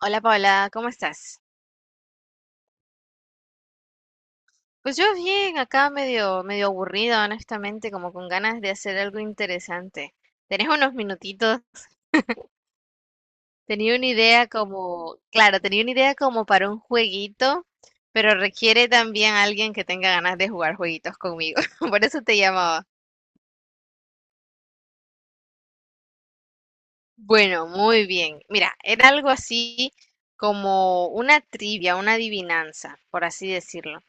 Hola Paula, ¿cómo estás? Pues yo bien, acá medio aburrida, honestamente, como con ganas de hacer algo interesante. ¿Tenés unos minutitos? Tenía una idea como para un jueguito, pero requiere también alguien que tenga ganas de jugar jueguitos conmigo. Por eso te llamaba. Bueno, muy bien. Mira, era algo así como una trivia, una adivinanza, por así decirlo.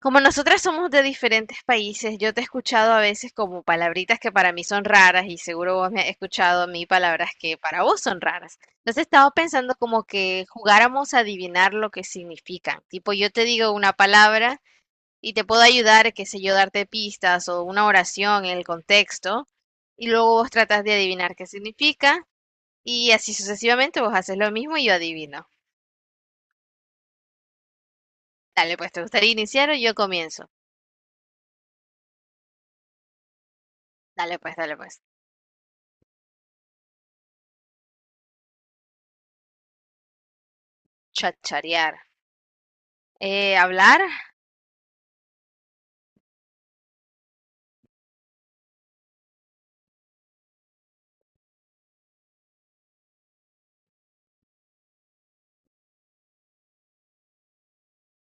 Como nosotras somos de diferentes países, yo te he escuchado a veces como palabritas que para mí son raras y seguro vos me has escuchado a mí palabras que para vos son raras. Entonces estaba pensando como que jugáramos a adivinar lo que significan. Tipo, yo te digo una palabra y te puedo ayudar, qué sé yo, darte pistas o una oración en el contexto y luego vos tratas de adivinar qué significa y así sucesivamente vos haces lo mismo y yo adivino. Dale, pues, ¿te gustaría iniciar o yo comienzo? Dale, pues, dale, pues. Chacharear. Hablar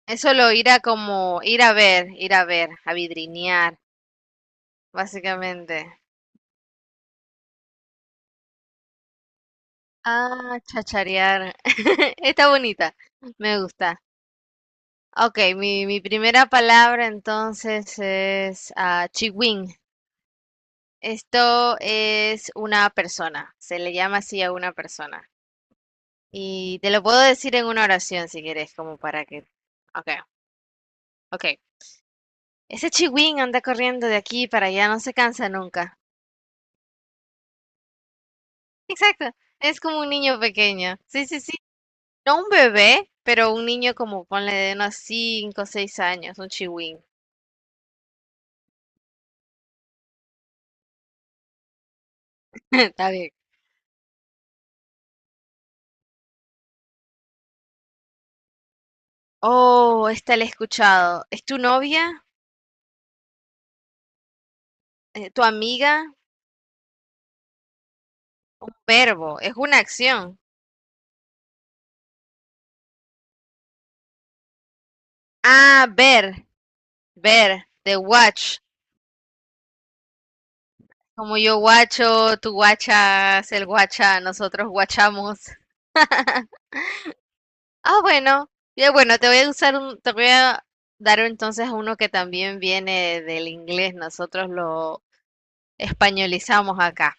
es solo ir a como, ir a ver, a vidrinear, básicamente. Ah, chacharear. Está bonita, me gusta. Ok, mi primera palabra entonces es chiwin. Esto es una persona, se le llama así a una persona. Y te lo puedo decir en una oración si quieres, como para que... Ok, ok. Ese chiwin anda corriendo de aquí para allá, no se cansa nunca. Exacto, es como un niño pequeño. Sí, sí, sí. No un bebé, pero un niño como ponle de unos 5, o 6 años, un chihuín. Está bien. Oh, esta la he escuchado. ¿Es tu novia? ¿Tu amiga? Un verbo, es una acción. Ah, ver, the watch. Como yo guacho, tú guachas, él guacha, nosotros guachamos. Ah, bueno. Ya, bueno, te voy a dar entonces uno que también viene del inglés. Nosotros lo españolizamos acá.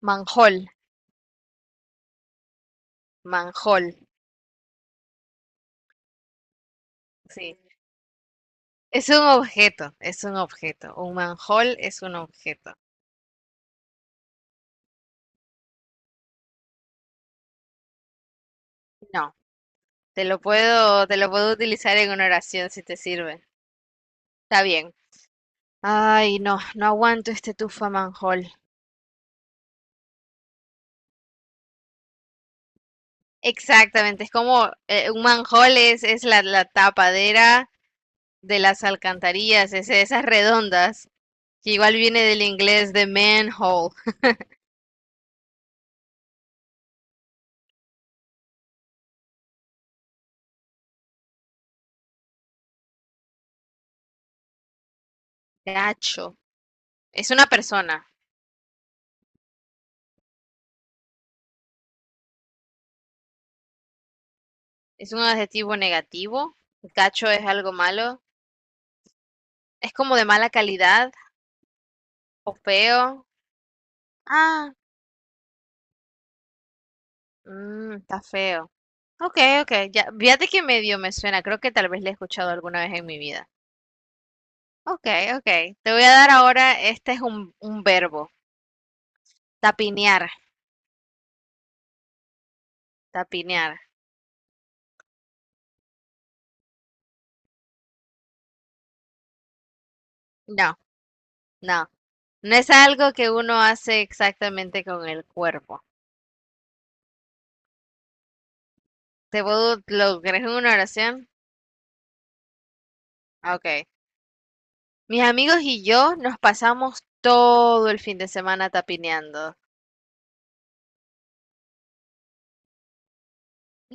Manjol, manjol, sí. Es un objeto. Un manjol es un objeto. No, te lo puedo utilizar en una oración si te sirve. Está bien. Ay, no, no aguanto este tufa manjol. Exactamente, es como un manjol es la, la tapadera de las alcantarillas, ese- esas redondas, que igual viene del inglés de manhole, gacho. Es una persona, es un adjetivo negativo, gacho es algo malo, es como de mala calidad o feo. Ah, mm, está feo. Ok, ok, ya, fíjate que medio me suena, creo que tal vez le he escuchado alguna vez en mi vida. Ok, ok, te voy a dar ahora, este es un verbo, tapinear, tapinear. No, no. No es algo que uno hace exactamente con el cuerpo. ¿Te puedo lograr en una oración? Ah, Ok. Mis amigos y yo nos pasamos todo el fin de semana tapineando.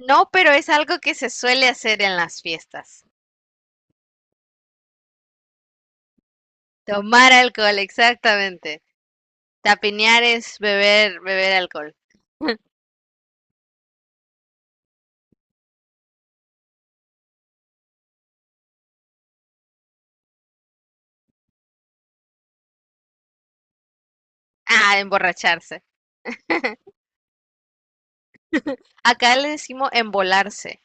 No, pero es algo que se suele hacer en las fiestas. Tomar alcohol, exactamente. Tapinear es beber, beber alcohol. Ah, emborracharse. Acá le decimos embolarse.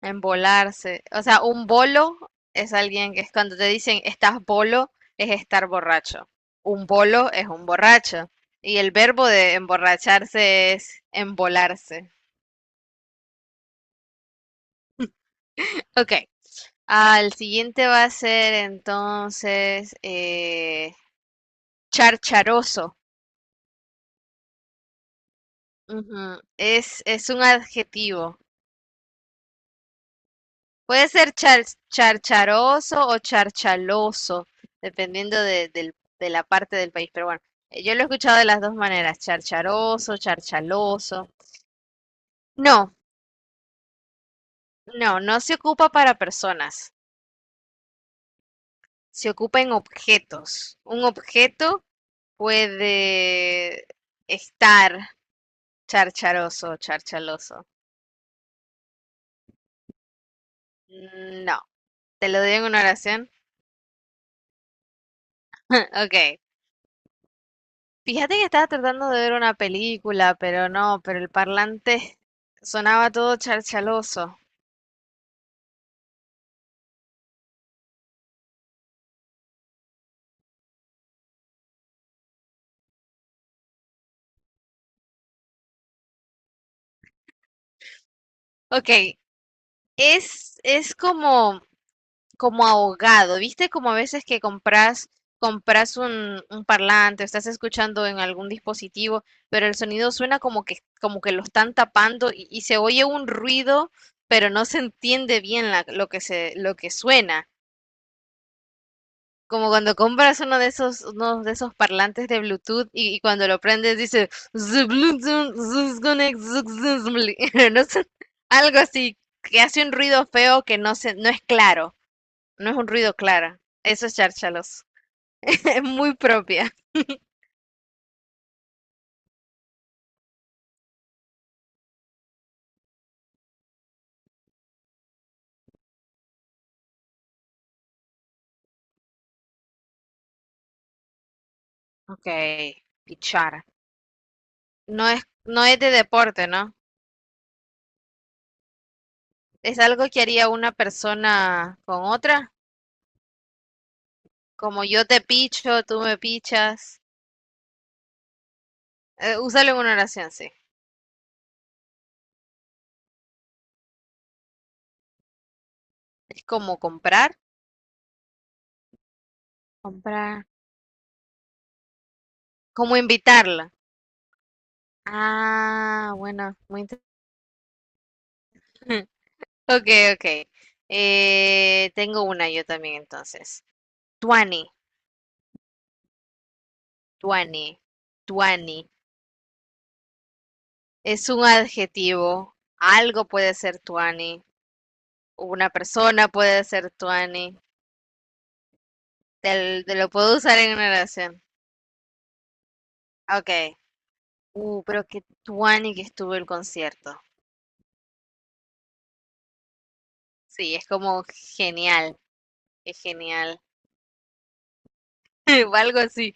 Embolarse. O sea, un bolo es alguien que es cuando te dicen estás bolo, es estar borracho. Un bolo es un borracho. Y el verbo de emborracharse es embolarse. Ok. Al siguiente va a ser entonces charcharoso. Ujú. Es un adjetivo. Puede ser charcharoso o charchaloso, dependiendo de, del- de la parte del país. Pero bueno, yo lo he escuchado de las dos maneras, charcharoso, charchaloso. No, no, no se ocupa para personas, se ocupa en objetos. Un objeto puede estar charcharoso o charchaloso. No, te lo doy en una oración. Ok, Fíjate que estaba tratando de ver una película, pero no, pero el parlante sonaba todo charchaloso. Ok, es como, como ahogado, ¿viste? Como a veces que compras, compras un parlante, estás escuchando en algún dispositivo, pero el sonido suena como que lo están tapando y se oye un ruido, pero no se entiende bien lo que se, lo que suena. Como cuando compras uno de esos parlantes de Bluetooth y cuando lo prendes dice "The Bluetooth is connect successfully". No sé, algo así que hace un ruido feo que no es claro, no es un ruido claro. Eso es chárchalos. Es muy propia. Ok, pichar. No es de deporte, ¿no? Es algo que haría una persona con otra, como yo te picho, tú me pichas. Úsalo en una oración, sí. Es como comprar. ¿Cómo invitarla? Ah, bueno, muy interesante. Ok, ok. Tengo una yo también entonces. Tuani, tuani, tuani. Es un adjetivo. Algo puede ser tuani. Una persona puede ser tuani. Te lo puedo usar en una oración. Ok. Pero qué tuani que estuvo el concierto. Sí, es como genial. Es genial. O algo así.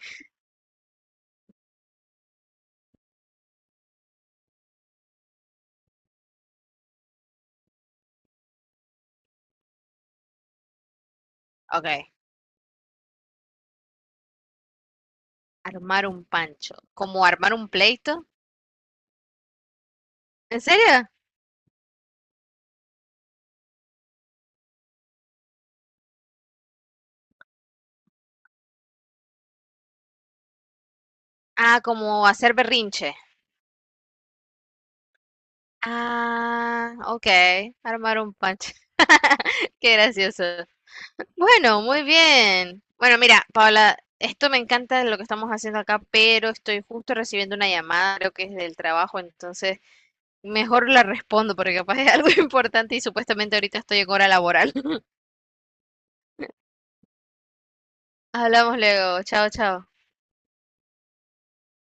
Ok. Armar un pancho. ¿Como armar un pleito? ¿En serio? Ah, como hacer berrinche. Ah, ok. Armar un pancho. Qué gracioso. Bueno, muy bien. Bueno, mira, Paula, esto me encanta lo que estamos haciendo acá, pero estoy justo recibiendo una llamada, creo que es del trabajo, entonces mejor la respondo porque capaz es algo importante y supuestamente ahorita estoy en hora laboral. Hablamos luego. Chao, chao.